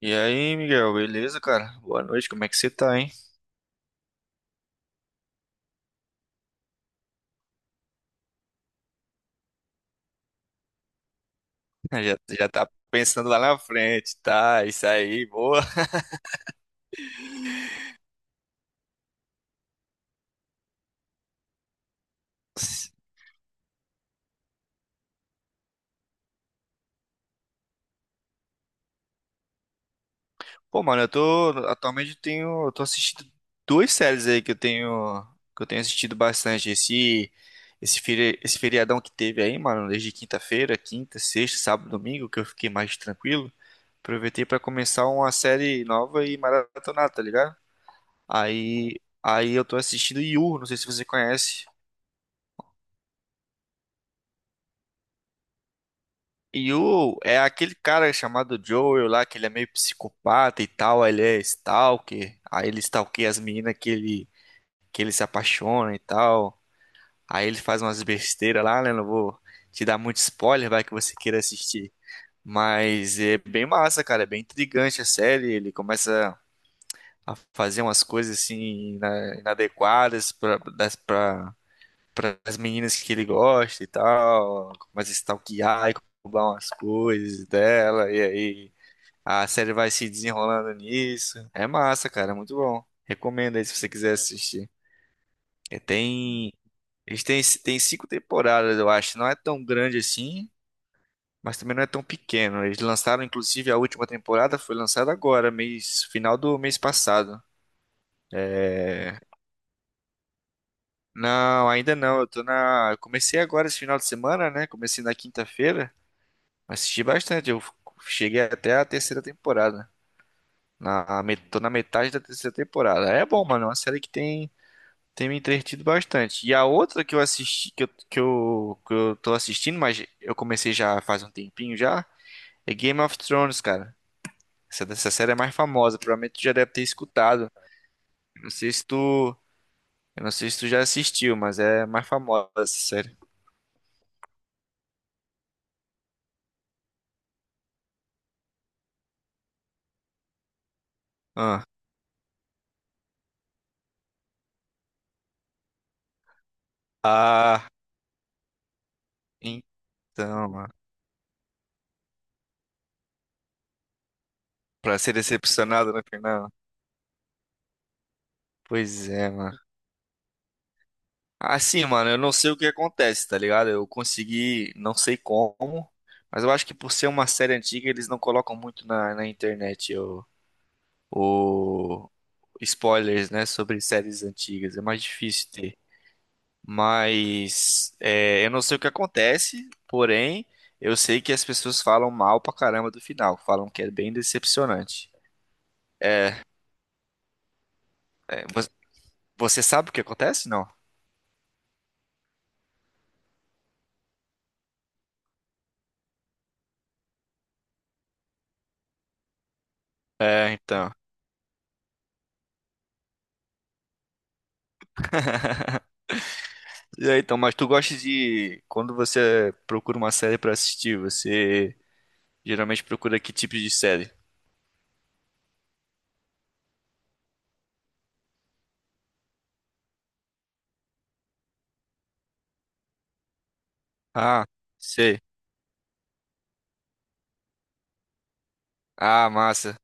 E aí, Miguel, beleza, cara? Boa noite, como é que você tá, hein? Já tá pensando lá na frente, tá? Isso aí, boa. Pô, mano, eu tô atualmente eu tenho, eu tô assistindo duas séries aí que eu tenho assistido bastante esse feriadão que teve aí, mano, desde quinta-feira, quinta, sexta, sábado, domingo, que eu fiquei mais tranquilo. Aproveitei pra começar uma série nova e maratonar, tá ligado? Aí eu tô assistindo Yu, não sei se você conhece. E o é aquele cara chamado Joel lá, que ele é meio psicopata e tal, ele é stalker, aí ele stalkeia as meninas que ele se apaixona e tal, aí ele faz umas besteiras lá, né? Não vou te dar muito spoiler, vai que você queira assistir. Mas é bem massa, cara, é bem intrigante a série, ele começa a fazer umas coisas assim inadequadas para as meninas que ele gosta e tal, começa a stalkear e roubar umas coisas dela, e aí a série vai se desenrolando nisso. É massa, cara, é muito bom. Recomendo aí se você quiser assistir. E tem, tem cinco temporadas, eu acho. Não é tão grande assim, mas também não é tão pequeno. Eles lançaram, inclusive, a última temporada foi lançada agora, mês, final do mês passado. É, não, ainda não. Eu tô na. Eu Comecei agora esse final de semana, né? Comecei na quinta-feira. Assisti bastante, eu cheguei até a terceira temporada. Tô na metade da terceira temporada. É bom, mano, é uma série tem me entretido bastante. E a outra que eu assisti, que eu tô assistindo, mas eu comecei já faz um tempinho já, é Game of Thrones, cara. Essa série é mais famosa, provavelmente tu já deve ter escutado. Eu não sei se tu, eu não sei se tu já assistiu, mas é mais famosa essa série. Ah, ah então, mano. Pra ser decepcionado no final. Pois é, mano. Assim, mano, eu não sei o que acontece, tá ligado? Eu consegui, não sei como, mas eu acho que por ser uma série antiga, eles não colocam muito na internet o- spoilers, né, sobre séries antigas. É mais difícil ter. Mas é, eu não sei o que acontece, porém, eu sei que as pessoas falam mal pra caramba do final, falam que é bem decepcionante. É, vo- você sabe o que acontece? Não? É, então. E aí, então, mas tu gosta de. Quando você procura uma série pra assistir, você geralmente procura que tipo de série? Ah, sei. Ah, massa.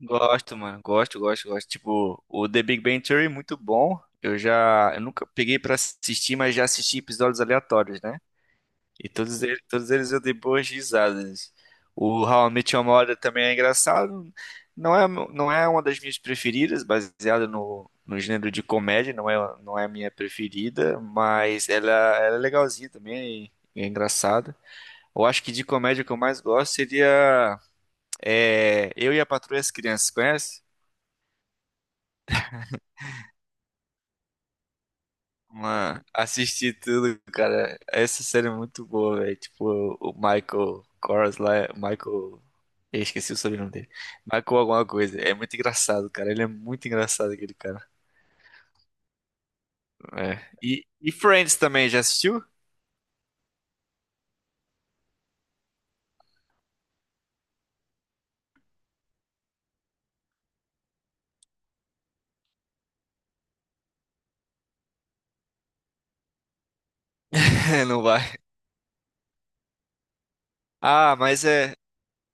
Gosto, mano. Gosto, gosto, gosto. Tipo, o The Big Bang Theory, é muito bom. Eu já. Eu nunca peguei pra assistir, mas já assisti episódios aleatórios, né? E todos eles eu dei boas risadas. O How I Met Your Mother também é engraçado. Não é uma das minhas preferidas, baseada no gênero de comédia, não é a minha preferida, mas ela é legalzinha também, é engraçada. Eu acho que de comédia que eu mais gosto seria Eu e a Patroa e as Crianças, conhece? Mano, assisti tudo, cara. Essa série é muito boa, velho. Tipo, o Michael Kors lá, é- Michael. Eu esqueci o sobrenome dele. Michael alguma coisa. É muito engraçado, cara. Ele é muito engraçado, aquele cara. É. E Friends também, já assistiu? Não vai. Ah, mas é.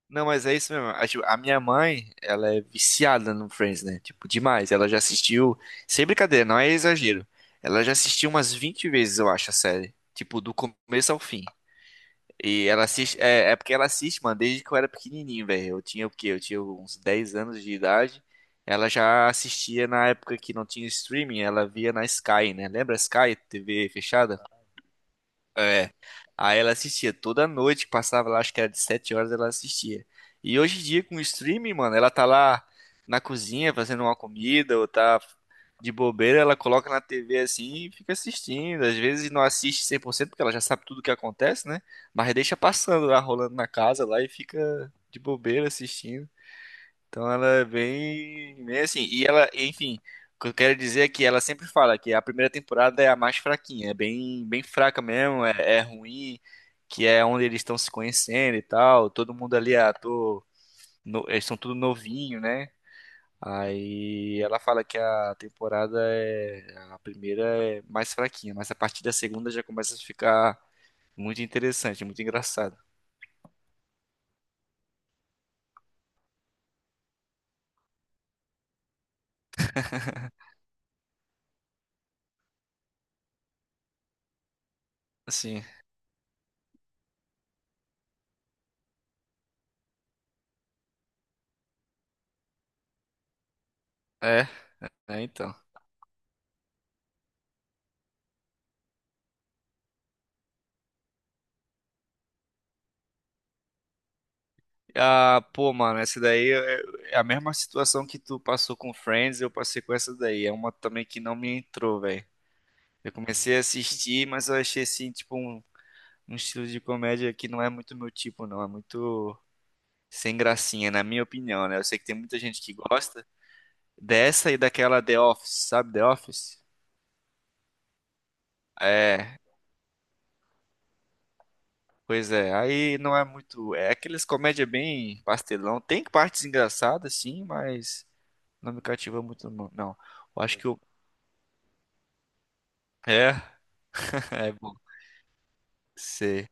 Não, mas é isso mesmo. Ah, tipo, a minha mãe, ela é viciada no Friends, né? Tipo, demais. Ela já assistiu. Sem brincadeira, não é exagero. Ela já assistiu umas 20 vezes, eu acho, a série. Tipo, do começo ao fim. E ela assiste. É porque ela assiste, mano, desde que eu era pequenininho, velho. Eu tinha o quê? Eu tinha uns 10 anos de idade. Ela já assistia na época que não tinha streaming, ela via na Sky, né? Lembra a Sky, TV fechada? É. Aí ela assistia toda noite, que passava lá, acho que era de 7 horas, ela assistia. E hoje em dia, com o streaming, mano, ela tá lá na cozinha fazendo uma comida, ou tá de bobeira, ela coloca na TV assim e fica assistindo. Às vezes não assiste 100% porque ela já sabe tudo o que acontece, né? Mas deixa passando lá, rolando na casa lá e fica de bobeira assistindo. Então ela é bem assim. E ela, enfim, o que eu quero dizer é que ela sempre fala que a primeira temporada é a mais fraquinha, é bem fraca mesmo, é ruim, que é onde eles estão se conhecendo e tal. Todo mundo ali é ator, no- eles são tudo novinho, né? Aí ela fala que a temporada é a primeira é mais fraquinha, mas a partir da segunda já começa a ficar muito interessante, muito engraçado. Assim, é, é então. Ah, pô, mano, essa daí é é a mesma situação que tu passou com Friends, eu passei com essa daí. É uma também que não me entrou, velho. Eu comecei a assistir, mas eu achei assim, tipo, um estilo de comédia que não é muito meu tipo, não. É muito sem gracinha, na minha opinião, né? Eu sei que tem muita gente que gosta dessa e daquela The Office, sabe? The Office? É, pois é. Aí não é muito. É aqueles comédia bem pastelão. Tem partes engraçadas, sim, mas não me cativa muito, não. Eu acho que o é, é bom. Sei.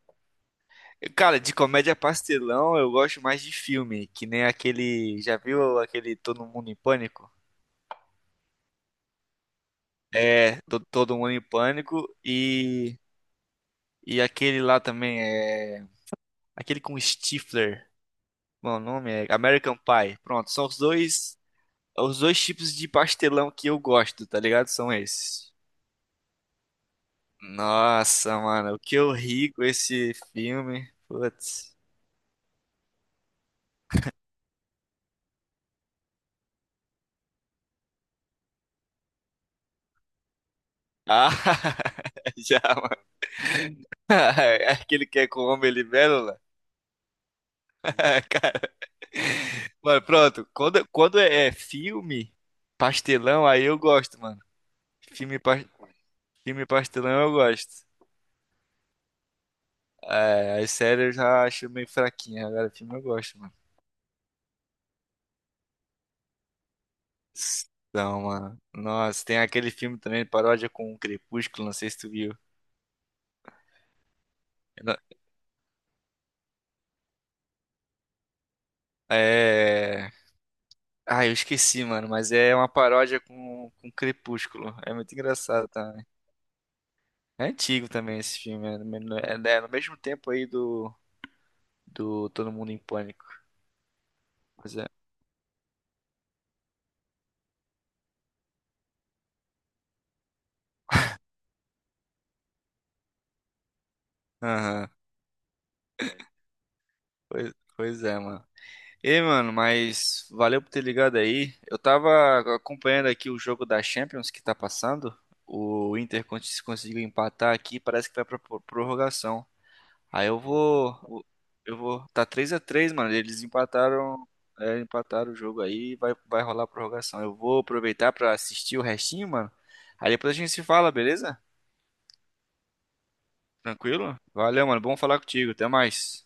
Cara, de comédia pastelão eu gosto mais de filme, que nem aquele. Já viu aquele Todo Mundo em Pânico? Todo Mundo em Pânico e. E aquele lá também é. Aquele com Stifler. Bom, o nome é American Pie. Pronto, são os dois. Os dois tipos de pastelão que eu gosto, tá ligado? São esses. Nossa, mano, o que eu ri com esse filme. Putz. Ah, já, aquele que é com homem libélula. Cara, mano, pronto. Quando é filme pastelão, aí eu gosto, mano. Filme, pas- filme pastelão eu gosto. É, as séries eu já acho meio fraquinha. Agora, filme eu gosto, mano. Então, mano. Nossa, tem aquele filme também, paródia com o Crepúsculo, não sei se tu viu. Eu não- é. Ah, eu esqueci, mano, mas é uma paródia com Crepúsculo. É muito engraçado, tá? É antigo também esse filme. É no mesmo tempo aí do Todo Mundo em Pânico. Pois é. Aham. Pois é, mano. Ei, mano, mas valeu por ter ligado aí. Eu tava acompanhando aqui o jogo da Champions que tá passando. O Inter con- conseguiu empatar aqui, parece que vai pra pro- prorrogação. Aí eu vou. Eu vou. Tá 3 a 3, mano. Eles empataram. É, empataram o jogo aí. Vai rolar a prorrogação. Eu vou aproveitar pra assistir o restinho, mano. Aí depois a gente se fala, beleza? Tranquilo? Valeu, mano. Bom falar contigo. Até mais.